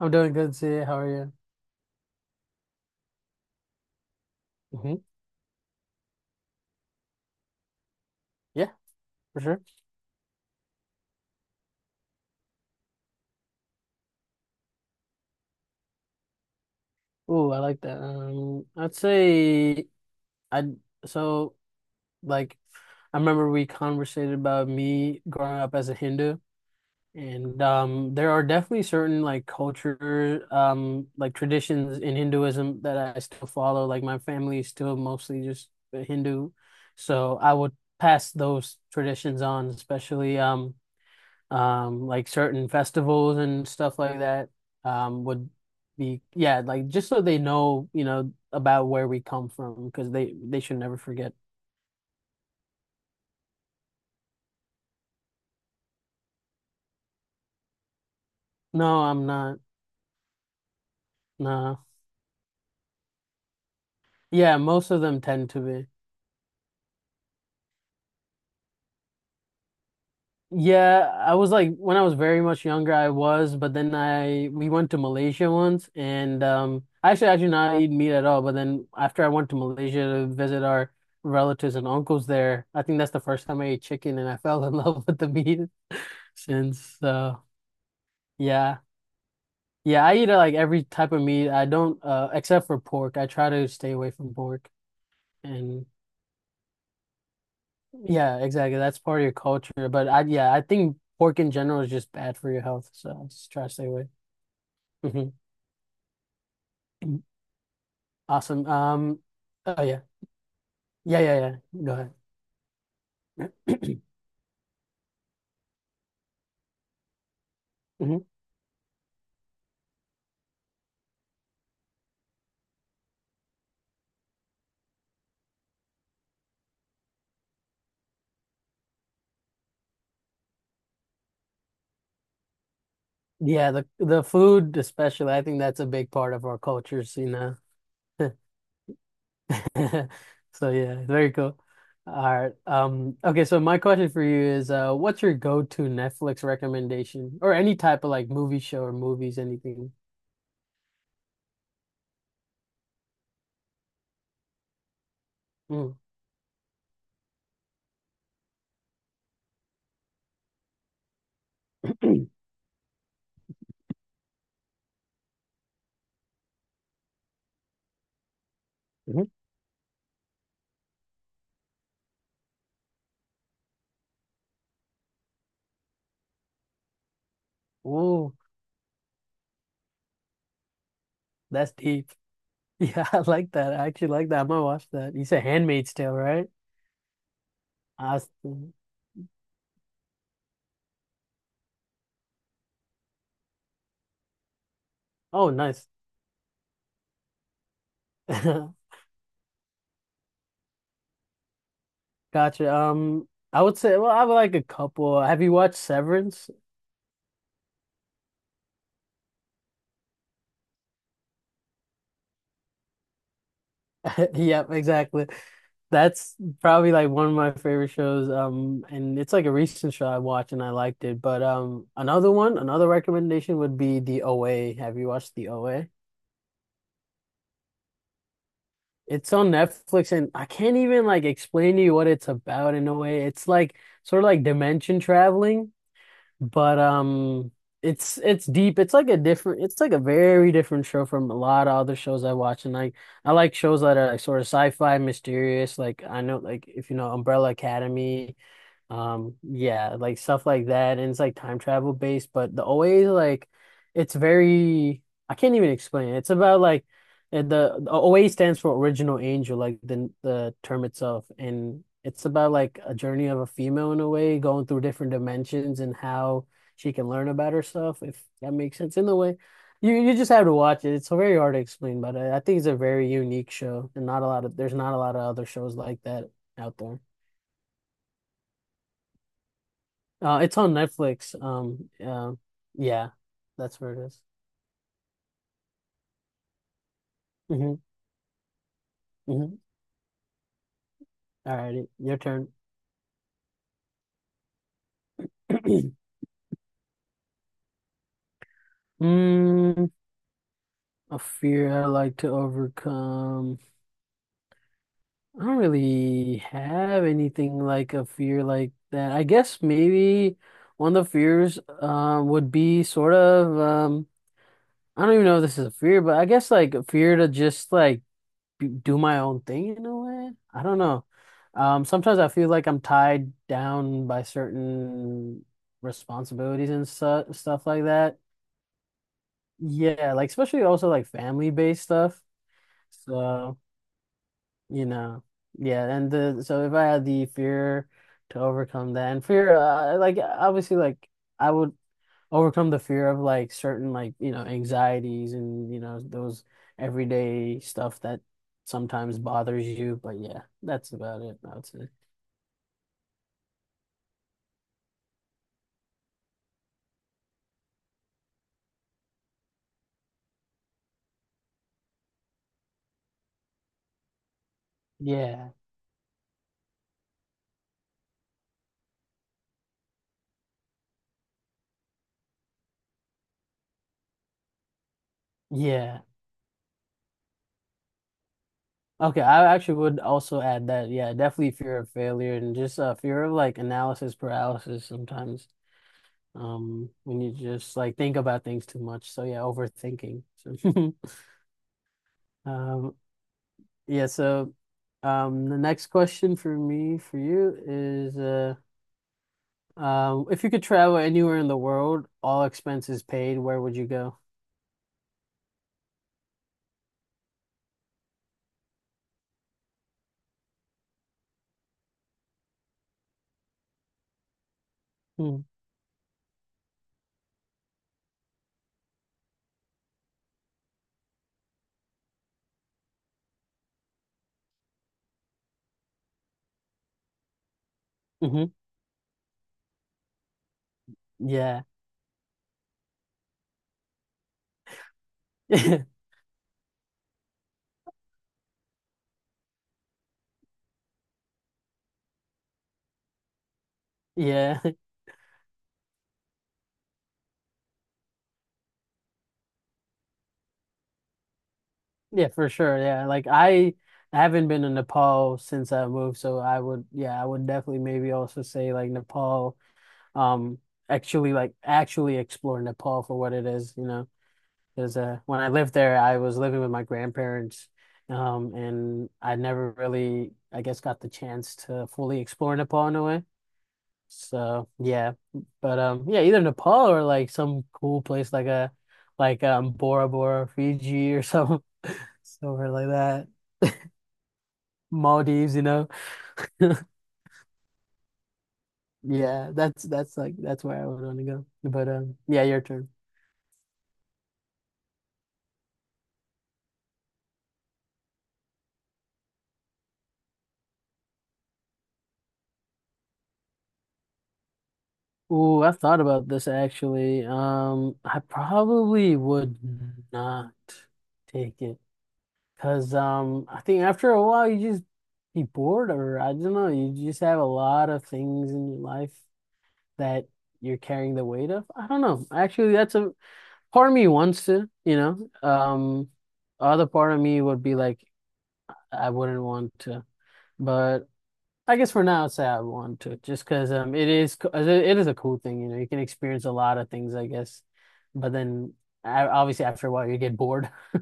I'm doing good, CA. How are you? hmm Yeah, for sure. Ooh, I like that. I'd say I so like I remember we conversated about me growing up as a Hindu, and there are definitely certain culture, like traditions in Hinduism that I still follow. Like my family is still mostly just Hindu, so I would pass those traditions on, especially, like certain festivals and stuff like that, would be, yeah, like just so they know, about where we come from, because they should never forget. No, I'm not. Nah. Yeah, most of them tend to be. Yeah, I was, like when I was very much younger, I was, but then I we went to Malaysia once, and I do not eat meat at all. But then after I went to Malaysia to visit our relatives and uncles there, I think that's the first time I ate chicken, and I fell in love with the meat since. Yeah, yeah, I eat like every type of meat. I don't except for pork. I try to stay away from pork, and yeah, exactly. That's part of your culture. But I, yeah, I think pork in general is just bad for your health, so I just try to stay away. Mm-hmm. Awesome. Oh yeah. Yeah, yeah, yeah. Go ahead. Mhm. Yeah, the food especially, I think that's a big part of our cultures, you know. So yeah, very cool. All right. Okay, so my question for you is, what's your go-to Netflix recommendation, or any type of like movie show or movies, anything? Mm. Mm-hmm. Ooh, that's deep. Yeah, I like that. I actually like that. I'm gonna watch that. You said Handmaid's Tale, right? Awesome. Oh, nice. Gotcha. I would say, well, I would like a couple. Have you watched Severance? Yep, exactly. That's probably like one of my favorite shows. And it's like a recent show I watched and I liked it. But another one, another recommendation would be The OA. Have you watched The OA? It's on Netflix and I can't even like explain to you what it's about in a way. It's like sort of like dimension traveling. But it's deep. It's like a different it's like a very different show from a lot of other shows I watch. And like I like shows that are like sort of sci-fi mysterious. Like I know, like if you know Umbrella Academy, yeah, like stuff like that, and it's like time travel based, but the OA, like it's very, I can't even explain it. It's about like the OA stands for original angel, like the term itself, and it's about like a journey of a female in a way, going through different dimensions and how she can learn about herself, if that makes sense in a way. You just have to watch it. It's very hard to explain, but I think it's a very unique show, and not a lot of there's not a lot of other shows like that out there. It's on Netflix. Yeah, that's where it is. Mm-hmm, mm-hmm. All righty, your turn. Mm, a fear I like to overcome. I don't really have anything like a fear like that. I guess maybe one of the fears would be sort of I don't even know if this is a fear, but I guess like a fear to just like do my own thing in a way. I don't know. Sometimes I feel like I'm tied down by certain responsibilities and su stuff like that. Yeah, like especially also like family-based stuff. So, you know, yeah, and the so if I had the fear to overcome that like obviously like I would overcome the fear of like certain, like you know, anxieties and you know, those everyday stuff that sometimes bothers you, but yeah, that's about it, I would say. Yeah, yeah, okay, I actually would also add that, yeah, definitely fear of failure and just fear of like analysis paralysis sometimes, when you just like think about things too much, so yeah, overthinking so. um yeah so the next question for me for you is if you could travel anywhere in the world, all expenses paid, where would you go? Mm-hmm. Yeah. Yeah. Yeah, for sure. Yeah. Like I haven't been to Nepal since I moved, so I would, yeah, I would definitely maybe also say like Nepal, um, actually explore Nepal for what it is, you know. Because when I lived there, I was living with my grandparents, and I never really, I guess, got the chance to fully explore Nepal in a way. So yeah, but yeah, either Nepal or like some cool place, like Bora Bora, Fiji or some somewhere like that, Maldives, you know. Yeah, that's like that's where I would want to go. But yeah, your turn. Ooh, I've thought about this actually. I probably would not take it, because I think after a while you just be bored, or I don't know, you just have a lot of things in your life that you're carrying the weight of. I don't know. Actually, that's a, part of me wants to, you know. Other part of me would be like, I wouldn't want to, but I guess for now, I'd say I want to, just because it it is a cool thing, you know. You can experience a lot of things, I guess, but then obviously after a while you get bored.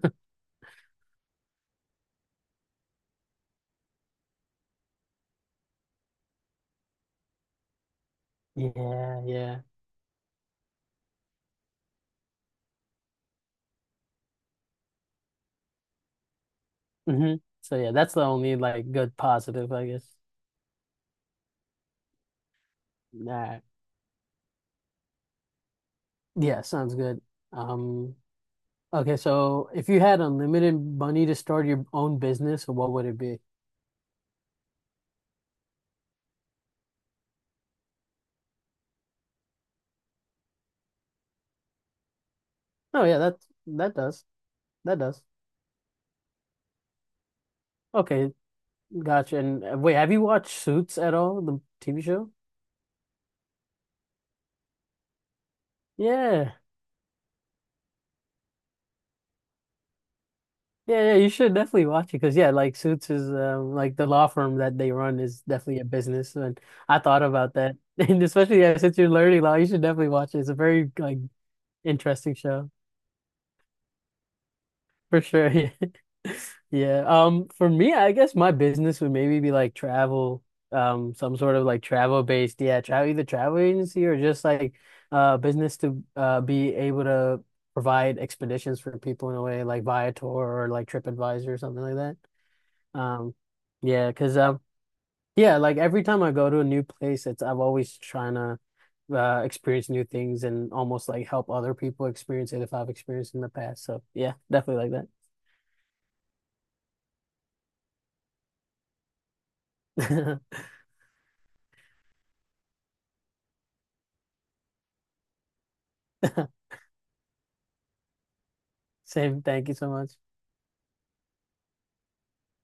Yeah, yeah. hmm So yeah, that's the only like good positive, I guess. That Yeah, sounds good. Um, Okay, so if you had unlimited money to start your own business, what would it be? Oh yeah, that that does. That does. Okay, gotcha. And wait, have you watched Suits at all, the TV show? Yeah. Yeah, yeah, you should definitely watch it, because yeah, like Suits is like the law firm that they run is definitely a business, and I thought about that. And especially yeah, since you're learning law, you should definitely watch it. It's a very like interesting show. For sure. Yeah. Yeah. For me, I guess my business would maybe be like travel, some sort of like travel based, yeah, travel, either travel agency or just like business to be able to provide expeditions for people in a way, like Viator or like TripAdvisor or something like that. Um, yeah, 'cause yeah, like every time I go to a new place, it's I'm always trying to experience new things and almost like help other people experience it if I've experienced in the past. So yeah, definitely like that. Same. Thank you so much.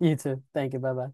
You too. Thank you. Bye bye.